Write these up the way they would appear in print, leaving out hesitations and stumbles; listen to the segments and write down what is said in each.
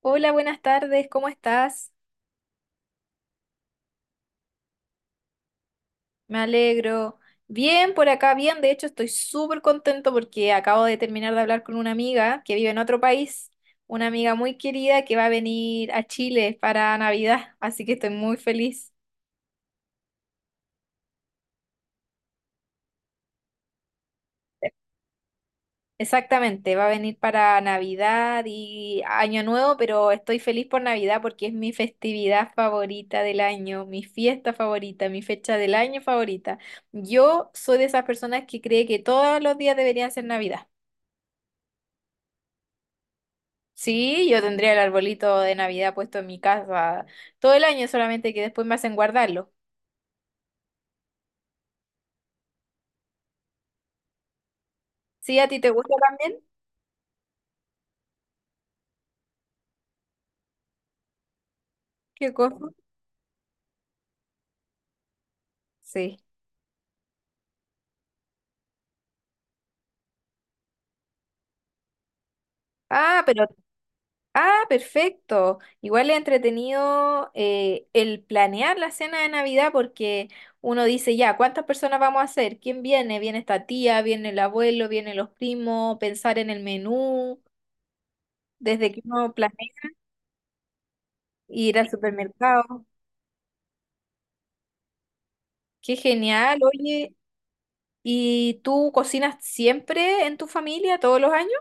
Hola, buenas tardes, ¿cómo estás? Me alegro. Bien, por acá, bien. De hecho, estoy súper contento porque acabo de terminar de hablar con una amiga que vive en otro país, una amiga muy querida que va a venir a Chile para Navidad, así que estoy muy feliz. Exactamente, va a venir para Navidad y Año Nuevo, pero estoy feliz por Navidad porque es mi festividad favorita del año, mi fiesta favorita, mi fecha del año favorita. Yo soy de esas personas que cree que todos los días deberían ser Navidad. Sí, yo tendría el arbolito de Navidad puesto en mi casa todo el año, solamente que después me hacen guardarlo. Sí, ¿a ti te gusta también? ¿Qué cosa? Sí. Ah, pero ah, perfecto. Igual es entretenido el planear la cena de Navidad porque uno dice, ya, ¿cuántas personas vamos a hacer? ¿Quién viene? ¿Viene esta tía? ¿Viene el abuelo? ¿Vienen los primos? Pensar en el menú, desde que uno planea ir al supermercado. Qué genial, oye. ¿Y tú cocinas siempre en tu familia, todos los años?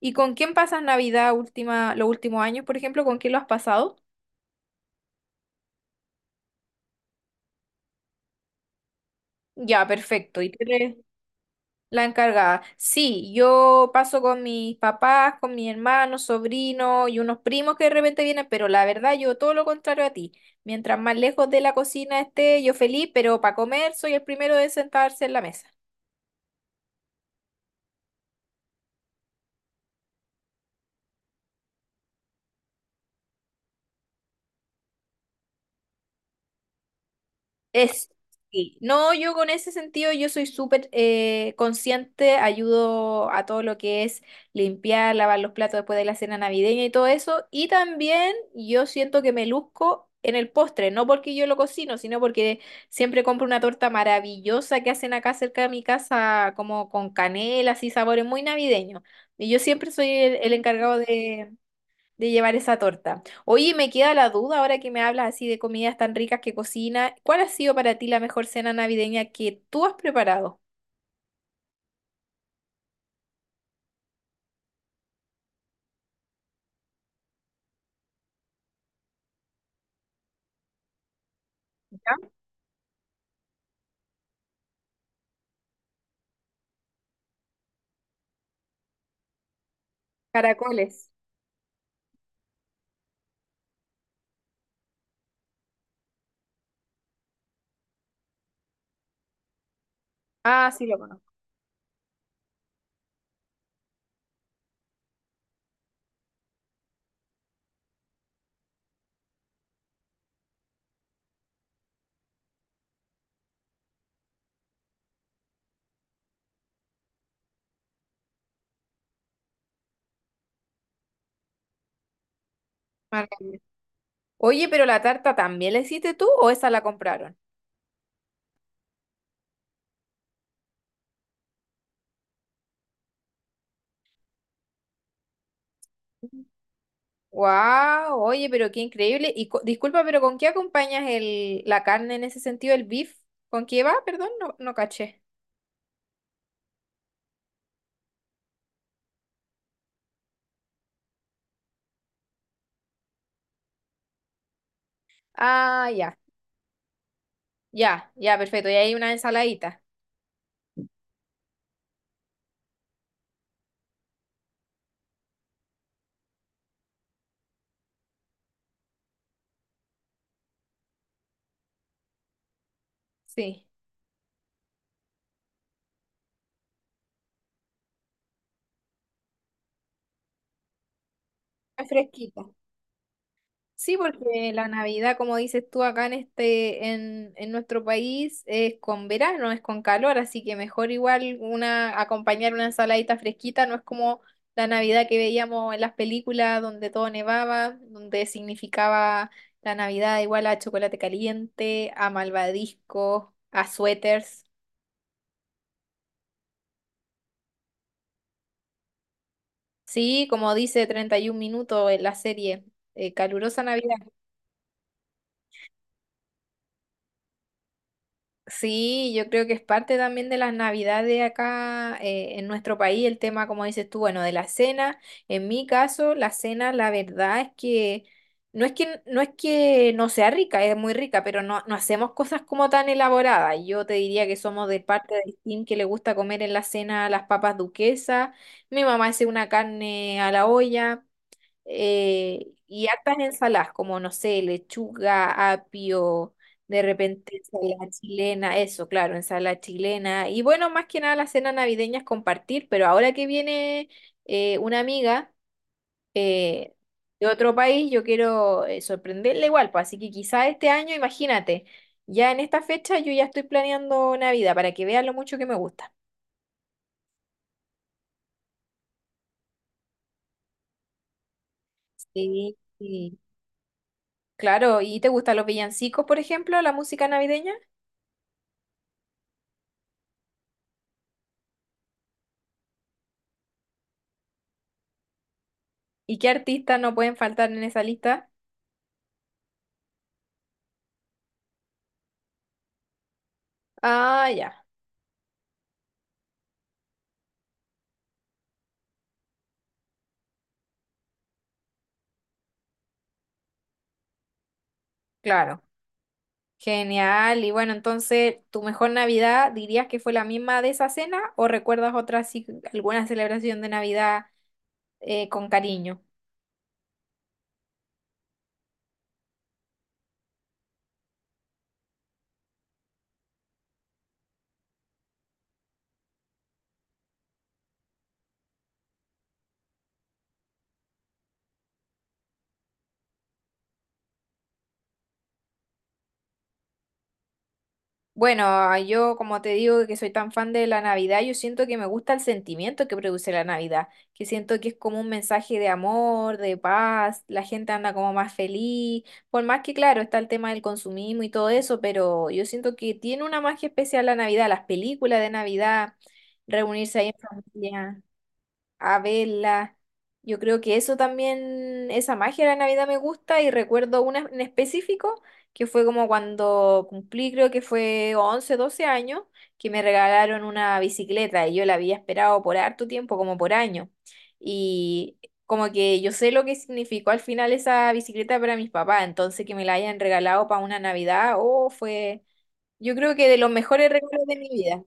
¿Y con quién pasas Navidad última, los últimos años, por ejemplo? ¿Con quién lo has pasado? Ya, perfecto. La encargada. Sí, yo paso con mis papás, con mis hermanos, sobrinos y unos primos que de repente vienen, pero la verdad yo todo lo contrario a ti. Mientras más lejos de la cocina esté, yo feliz, pero para comer soy el primero de sentarse en la mesa. Es, sí. No, yo con ese sentido yo soy súper consciente, ayudo a todo lo que es limpiar, lavar los platos después de la cena navideña y todo eso. Y también yo siento que me luzco en el postre, no porque yo lo cocino, sino porque siempre compro una torta maravillosa que hacen acá cerca de mi casa, como con canela, así sabores muy navideños. Y yo siempre soy el encargado de llevar esa torta. Oye, me queda la duda ahora que me hablas así de comidas tan ricas que cocina. ¿Cuál ha sido para ti la mejor cena navideña que tú has preparado? ¿Ya? Caracoles. Ah, sí, lo conozco. Maravilla. Oye, pero la tarta también, ¿la hiciste tú o esa la compraron? Wow, oye, pero qué increíble. Disculpa, pero ¿con qué acompañas la carne en ese sentido, el beef? ¿Con qué va? Perdón, no, no caché. Ah, ya, ya, ya, perfecto. Y hay una ensaladita. Sí. Es fresquita. Sí, porque la Navidad, como dices tú, acá en nuestro país es con verano, es con calor, así que mejor igual una, acompañar una ensaladita fresquita, no es como la Navidad que veíamos en las películas donde todo nevaba, donde significaba la Navidad igual a chocolate caliente, a malvadiscos, a suéteres. Sí, como dice 31 minutos en la serie, calurosa Navidad. Sí, yo creo que es parte también de las navidades acá en nuestro país, el tema, como dices tú, bueno, de la cena. En mi caso, la cena, la verdad es que no es que no sea rica, es muy rica, pero no, no hacemos cosas como tan elaboradas. Yo te diría que somos de parte del team que le gusta comer en la cena las papas duquesas. Mi mamá hace una carne a la olla y hartas ensaladas, como no sé, lechuga, apio, de repente ensalada chilena, eso, claro, ensalada chilena. Y bueno, más que nada la cena navideña es compartir, pero ahora que viene una amiga eh, de otro país, yo quiero sorprenderla igual, pues así que quizá este año, imagínate, ya en esta fecha yo ya estoy planeando Navidad para que vean lo mucho que me gusta. Sí, sí. Claro, ¿y te gustan los villancicos, por ejemplo, la música navideña? ¿Y qué artistas no pueden faltar en esa lista? Ah, ya, claro. Genial. Y bueno, entonces, ¿tu mejor Navidad dirías que fue la misma de esa cena o recuerdas otra, así, alguna celebración de Navidad con cariño? Bueno, yo como te digo que soy tan fan de la Navidad, yo siento que me gusta el sentimiento que produce la Navidad, que siento que es como un mensaje de amor, de paz, la gente anda como más feliz, por más que claro, está el tema del consumismo y todo eso, pero yo siento que tiene una magia especial la Navidad, las películas de Navidad, reunirse ahí en familia a verla. Yo creo que eso también, esa magia de la Navidad me gusta y recuerdo una en específico que fue como cuando cumplí, creo que fue 11, 12 años, que me regalaron una bicicleta y yo la había esperado por harto tiempo, como por año. Y como que yo sé lo que significó al final esa bicicleta para mis papás, entonces que me la hayan regalado para una Navidad, oh, fue, yo creo que de los mejores regalos de mi vida.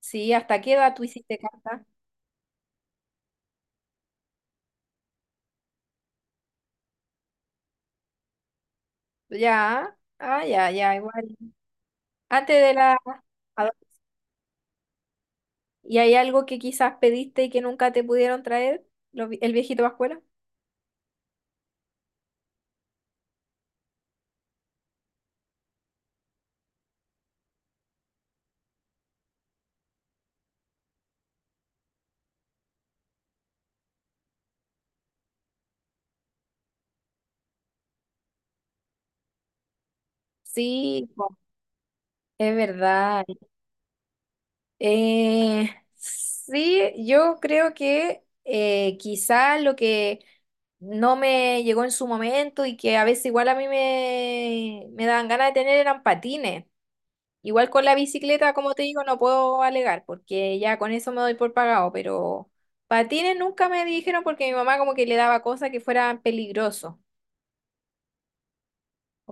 Sí, ¿hasta qué edad tú hiciste carta? Ya, ah, ya, ya, igual. Antes de la... ado- ¿Y hay algo que quizás pediste y que nunca te pudieron traer? ¿El viejito Pascuela? Sí, po, es verdad. Eh, sí, yo creo que quizás lo que no me llegó en su momento y que a veces igual a mí me daban ganas de tener eran patines. Igual con la bicicleta, como te digo, no puedo alegar porque ya con eso me doy por pagado, pero patines nunca me dijeron porque mi mamá como que le daba cosas que fueran peligrosos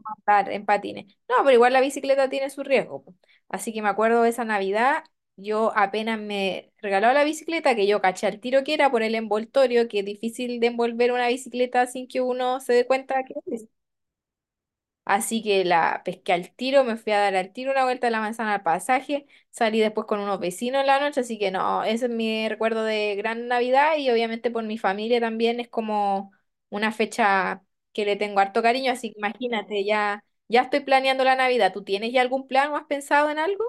andar en patines. No, pero igual la bicicleta tiene su riesgo, po. Así que me acuerdo de esa Navidad, yo apenas me regaló la bicicleta, que yo caché al tiro que era por el envoltorio, que es difícil de envolver una bicicleta sin que uno se dé cuenta que es. Así que la pesqué al tiro, me fui a dar al tiro una vuelta a la manzana al pasaje, salí después con unos vecinos en la noche, así que no, ese es mi recuerdo de gran Navidad y obviamente por mi familia también es como una fecha que le tengo harto cariño, así que imagínate, ya, ya estoy planeando la Navidad. ¿Tú tienes ya algún plan o has pensado en algo?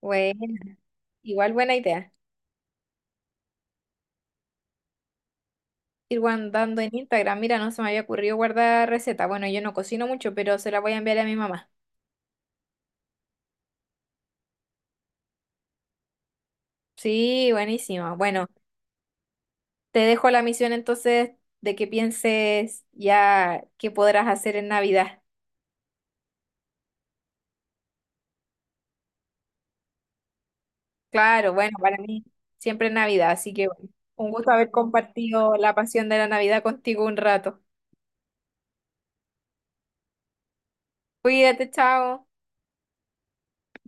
Bueno, igual buena idea. Ir guardando en Instagram, mira, no se me había ocurrido guardar receta. Bueno, yo no cocino mucho, pero se la voy a enviar a mi mamá. Sí, buenísimo. Bueno. Te dejo la misión entonces de que pienses ya qué podrás hacer en Navidad. Claro, bueno, para mí siempre es Navidad, así que bueno, un gusto haber compartido la pasión de la Navidad contigo un rato. Cuídate, chao.